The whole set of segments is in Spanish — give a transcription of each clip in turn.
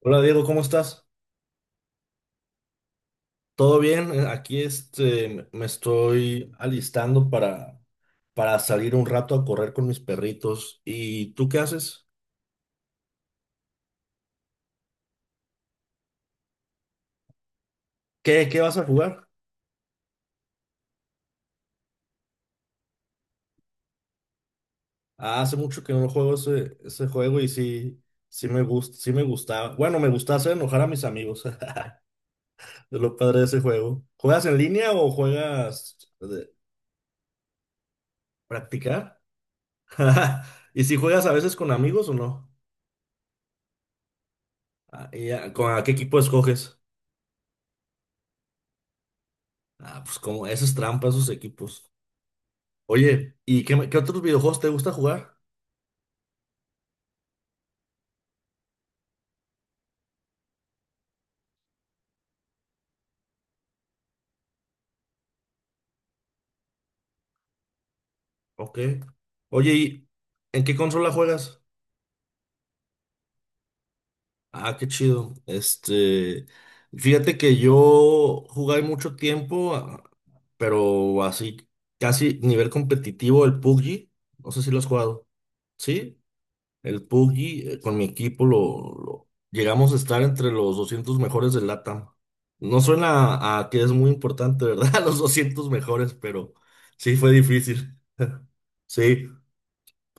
Hola Diego, ¿cómo estás? ¿Todo bien? Aquí este, me me estoy alistando para salir un rato a correr con mis perritos. ¿Y tú qué haces? ¿Qué vas a jugar? Ah, hace mucho que no juego ese juego y sí me gusta, sí me gustaba. Bueno, me gusta hacer enojar a mis amigos. Es lo padre de ese juego. ¿Juegas en línea o juegas de practicar? ¿Y si juegas a veces con amigos o no? ¿A qué equipo escoges? Ah, pues como, eso es trampa, esos equipos. Oye, ¿y qué otros videojuegos te gusta jugar? Ok. Oye, ¿y en qué consola juegas? Ah, qué chido. Fíjate que yo jugué mucho tiempo, pero así, casi nivel competitivo, el PUBG. No sé si lo has jugado. ¿Sí? El Puggy, con mi equipo, llegamos a estar entre los 200 mejores del LATAM. No suena a que es muy importante, ¿verdad? Los 200 mejores, pero sí fue difícil. Sí,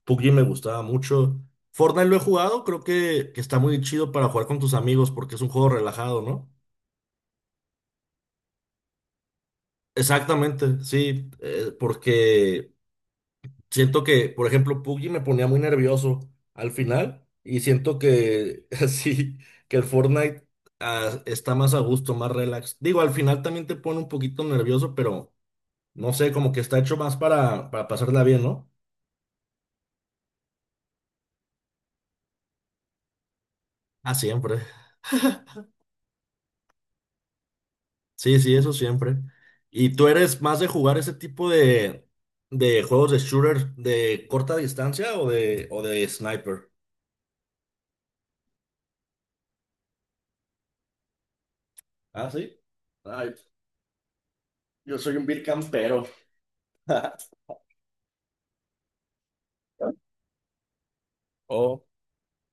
Puggy me gustaba mucho. Fortnite lo he jugado, creo que está muy chido para jugar con tus amigos porque es un juego relajado, ¿no? Exactamente, sí, porque siento que, por ejemplo, PUBG me ponía muy nervioso al final y siento que así, que el Fortnite está más a gusto, más relax. Digo, al final también te pone un poquito nervioso, pero no sé, como que está hecho más para pasarla bien, ¿no? Ah, siempre. Sí, sí, eso siempre. ¿Y tú eres más de jugar ese tipo de juegos de shooter de corta distancia o de sniper? Ah, sí. Ay, yo soy un vil campero. Oh.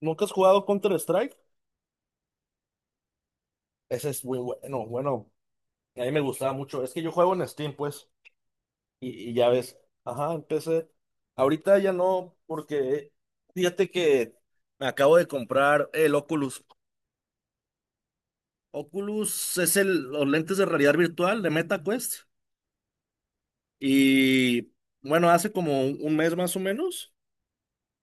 ¿Nunca has jugado Counter-Strike? Ese es muy bueno, bueno, a mí me gustaba mucho. Es que yo juego en Steam, pues, y ya ves. Ajá, empecé. Ahorita ya no, porque fíjate que me acabo de comprar el Oculus. Oculus es los lentes de realidad virtual de MetaQuest. Y bueno, hace como un mes más o menos.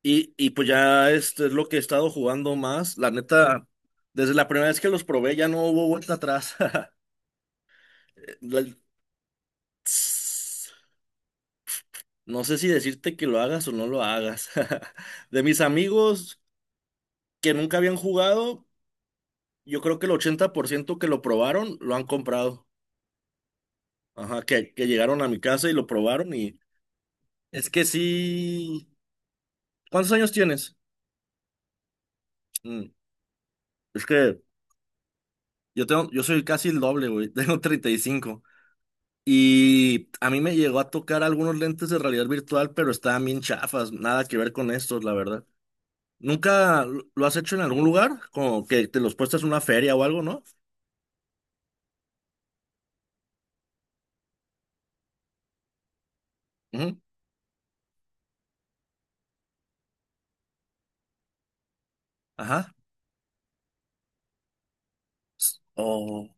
Y pues ya este es lo que he estado jugando más. La neta, desde la primera vez que los probé ya no hubo vuelta atrás. La- No sé si decirte que lo hagas o no lo hagas. De mis amigos que nunca habían jugado, yo creo que el 80% que lo probaron lo han comprado. Ajá, que llegaron a mi casa y lo probaron y es que sí. ¿Cuántos años tienes? Mm, es que yo soy casi el doble, güey. Tengo 35. Y cinco. Y a mí me llegó a tocar algunos lentes de realidad virtual, pero estaban bien chafas. Nada que ver con estos, la verdad. ¿Nunca lo has hecho en algún lugar? Como que te los puestas en una feria o algo, ¿no? Ujú. Ajá. O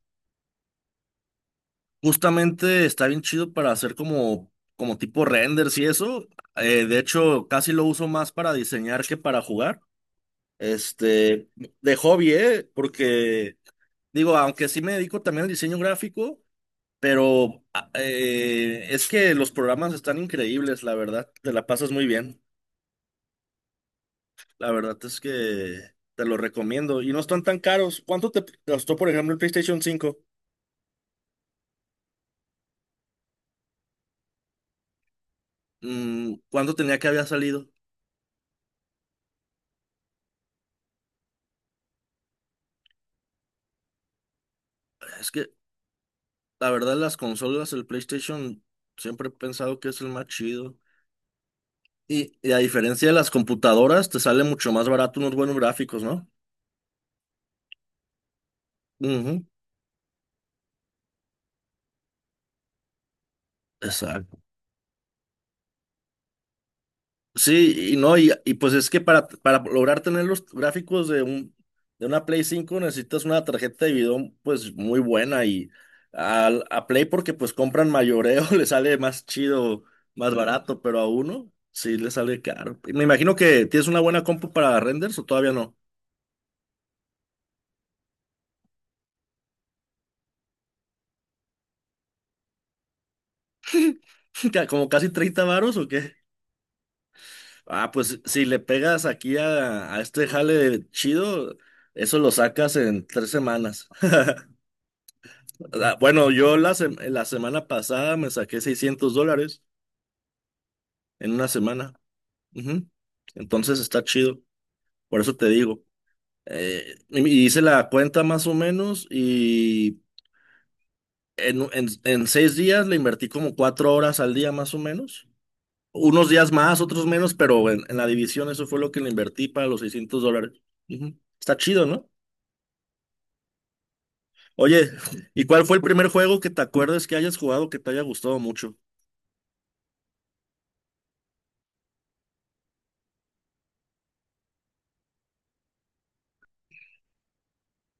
justamente está bien chido para hacer como, como tipo renders y eso. De hecho, casi lo uso más para diseñar que para jugar. Este, de hobby, ¿eh? Porque, digo, aunque sí me dedico también al diseño gráfico, pero es que los programas están increíbles, la verdad. Te la pasas muy bien. La verdad es que te lo recomiendo. Y no están tan caros. ¿Cuánto te costó, por ejemplo, el PlayStation 5? Mm, ¿cuándo tenía que había salido? Es que la verdad las consolas, el PlayStation, siempre he pensado que es el más chido. Y a diferencia de las computadoras, te sale mucho más barato unos buenos gráficos, ¿no? Ujú. Exacto. Sí, y no, y, Y pues es que para lograr tener los gráficos de un de una Play cinco necesitas una tarjeta de video pues muy buena y Play porque pues compran mayoreo, le sale más chido, más barato, pero a uno sí le sale caro. Y me imagino que tienes una buena compu para renders o todavía no. ¿Como casi 30 varos o qué? Ah, pues si le pegas aquí a este jale chido, eso lo sacas en tres semanas. Ah, bueno, la semana pasada me saqué $600 en una semana. Ujú. Entonces está chido, por eso te digo. Y hice la cuenta más o menos y en 6 días le invertí como 4 horas al día más o menos, unos días más, otros menos, pero en la división eso fue lo que le invertí para los $600. Ujú. Está chido, ¿no? Oye, ¿y cuál fue el primer juego que te acuerdes que hayas jugado que te haya gustado mucho?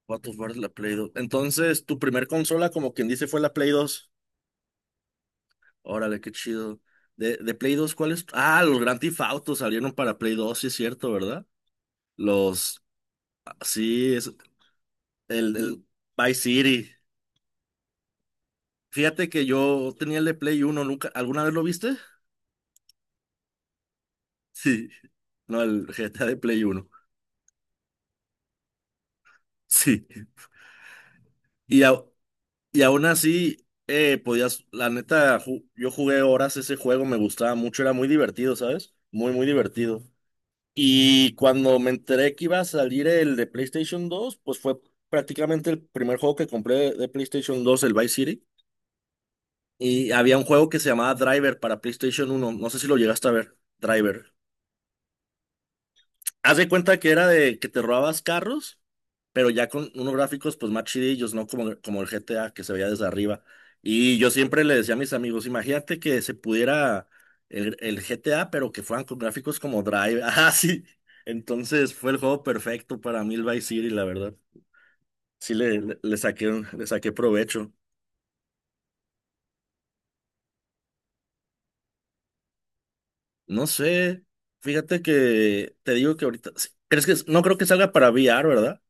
God of War, la Play dos. Entonces, tu primer consola, como quien dice, fue la Play dos. Órale, qué chido. De Play dos, ¿cuál es? Ah, los Grand Theft Auto salieron para Play dos, sí es cierto, ¿verdad? Los, ah, sí, es el Vice City. Fíjate que yo tenía el de Play uno nunca, ¿alguna vez lo viste? Sí, no, el GTA de Play Uno. Sí. Y, au- y aún así, podías, la neta, yo jugué horas ese juego, me gustaba mucho, era muy divertido, ¿sabes? Muy divertido. Y cuando me enteré que iba a salir el de PlayStation dos, pues fue prácticamente el primer juego que compré de PlayStation dos, el Vice City. Y había un juego que se llamaba Driver para PlayStation uno, no sé si lo llegaste a ver, Driver. Haz de cuenta que era de que te robabas carros, pero ya con unos gráficos pues más chidillos, ¿no? Como el GTA que se veía desde arriba. Y yo siempre le decía a mis amigos, imagínate que se pudiera el GTA, pero que fueran con gráficos como Drive. Ah, sí. Entonces fue el juego perfecto para mí el Vice City, la verdad. Sí le saqué, le saqué provecho. No sé, fíjate que te digo que ahorita... sí, ¿Crees que no creo que salga para VR, ¿verdad?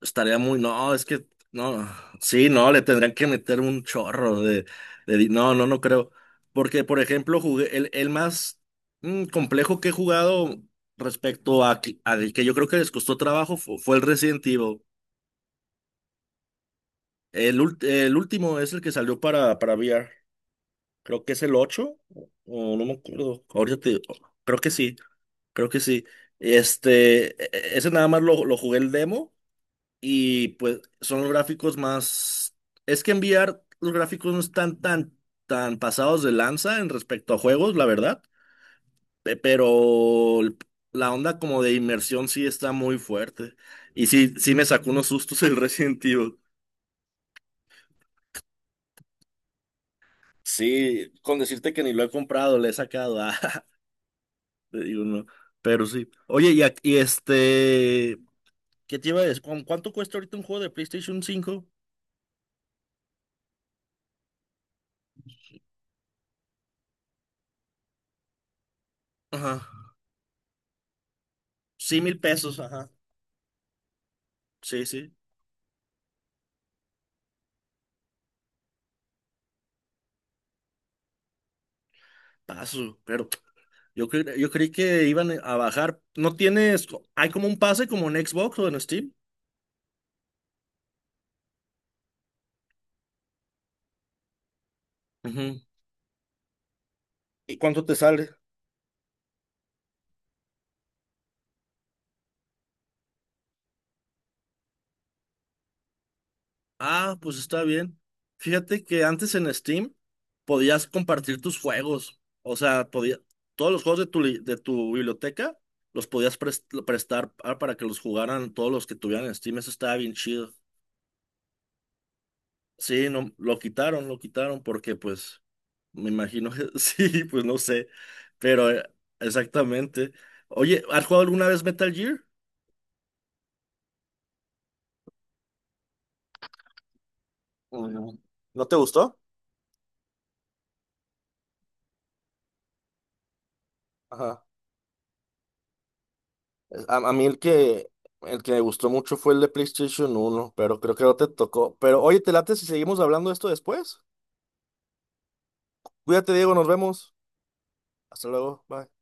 Estaría muy, no, es que, no, sí, no, le tendrían que meter un chorro no, no, no creo. Porque, por ejemplo, jugué, el más complejo que he jugado respecto al que yo creo que les costó trabajo fue el Resident Evil. El, el último es el que salió para VR. Creo que es el 8 o no me acuerdo. Creo que sí, creo que sí. Este, ese nada más lo jugué el demo. Y pues son los gráficos más... Es que en VR los gráficos no están tan pasados de lanza en respecto a juegos, la verdad. Pero la onda como de inmersión sí está muy fuerte. Y sí, sí me sacó unos sustos el Resident Evil. Sí, con decirte que ni lo he comprado, le he sacado. Ah, te digo, no. Pero sí. Oye, ¿Qué te iba a decir? ¿Cuánto cuesta ahorita un juego de PlayStation cinco? Ajá. Sí, 1000 pesos, ajá. Sí, sí. Paso, pero yo creí que iban a bajar. ¿No tienes, co- ¿Hay como un pase como en Xbox o en Steam? Ujú. ¿Y cuánto te sale? Ah, pues está bien. Fíjate que antes en Steam podías compartir tus juegos. O sea, podía, todos los juegos de de tu biblioteca los podías prestar para que los jugaran todos los que tuvieran en Steam. Eso estaba bien chido. Sí, no, lo quitaron porque pues me imagino que sí, pues no sé, pero exactamente. Oye, ¿has jugado alguna vez Metal Gear? Mm, ¿No te gustó? Ajá. A mí el que me gustó mucho fue el de PlayStation uno, pero creo que no te tocó. Pero oye, ¿te late si seguimos hablando de esto después? Cuídate, Diego, nos vemos. Hasta luego, bye.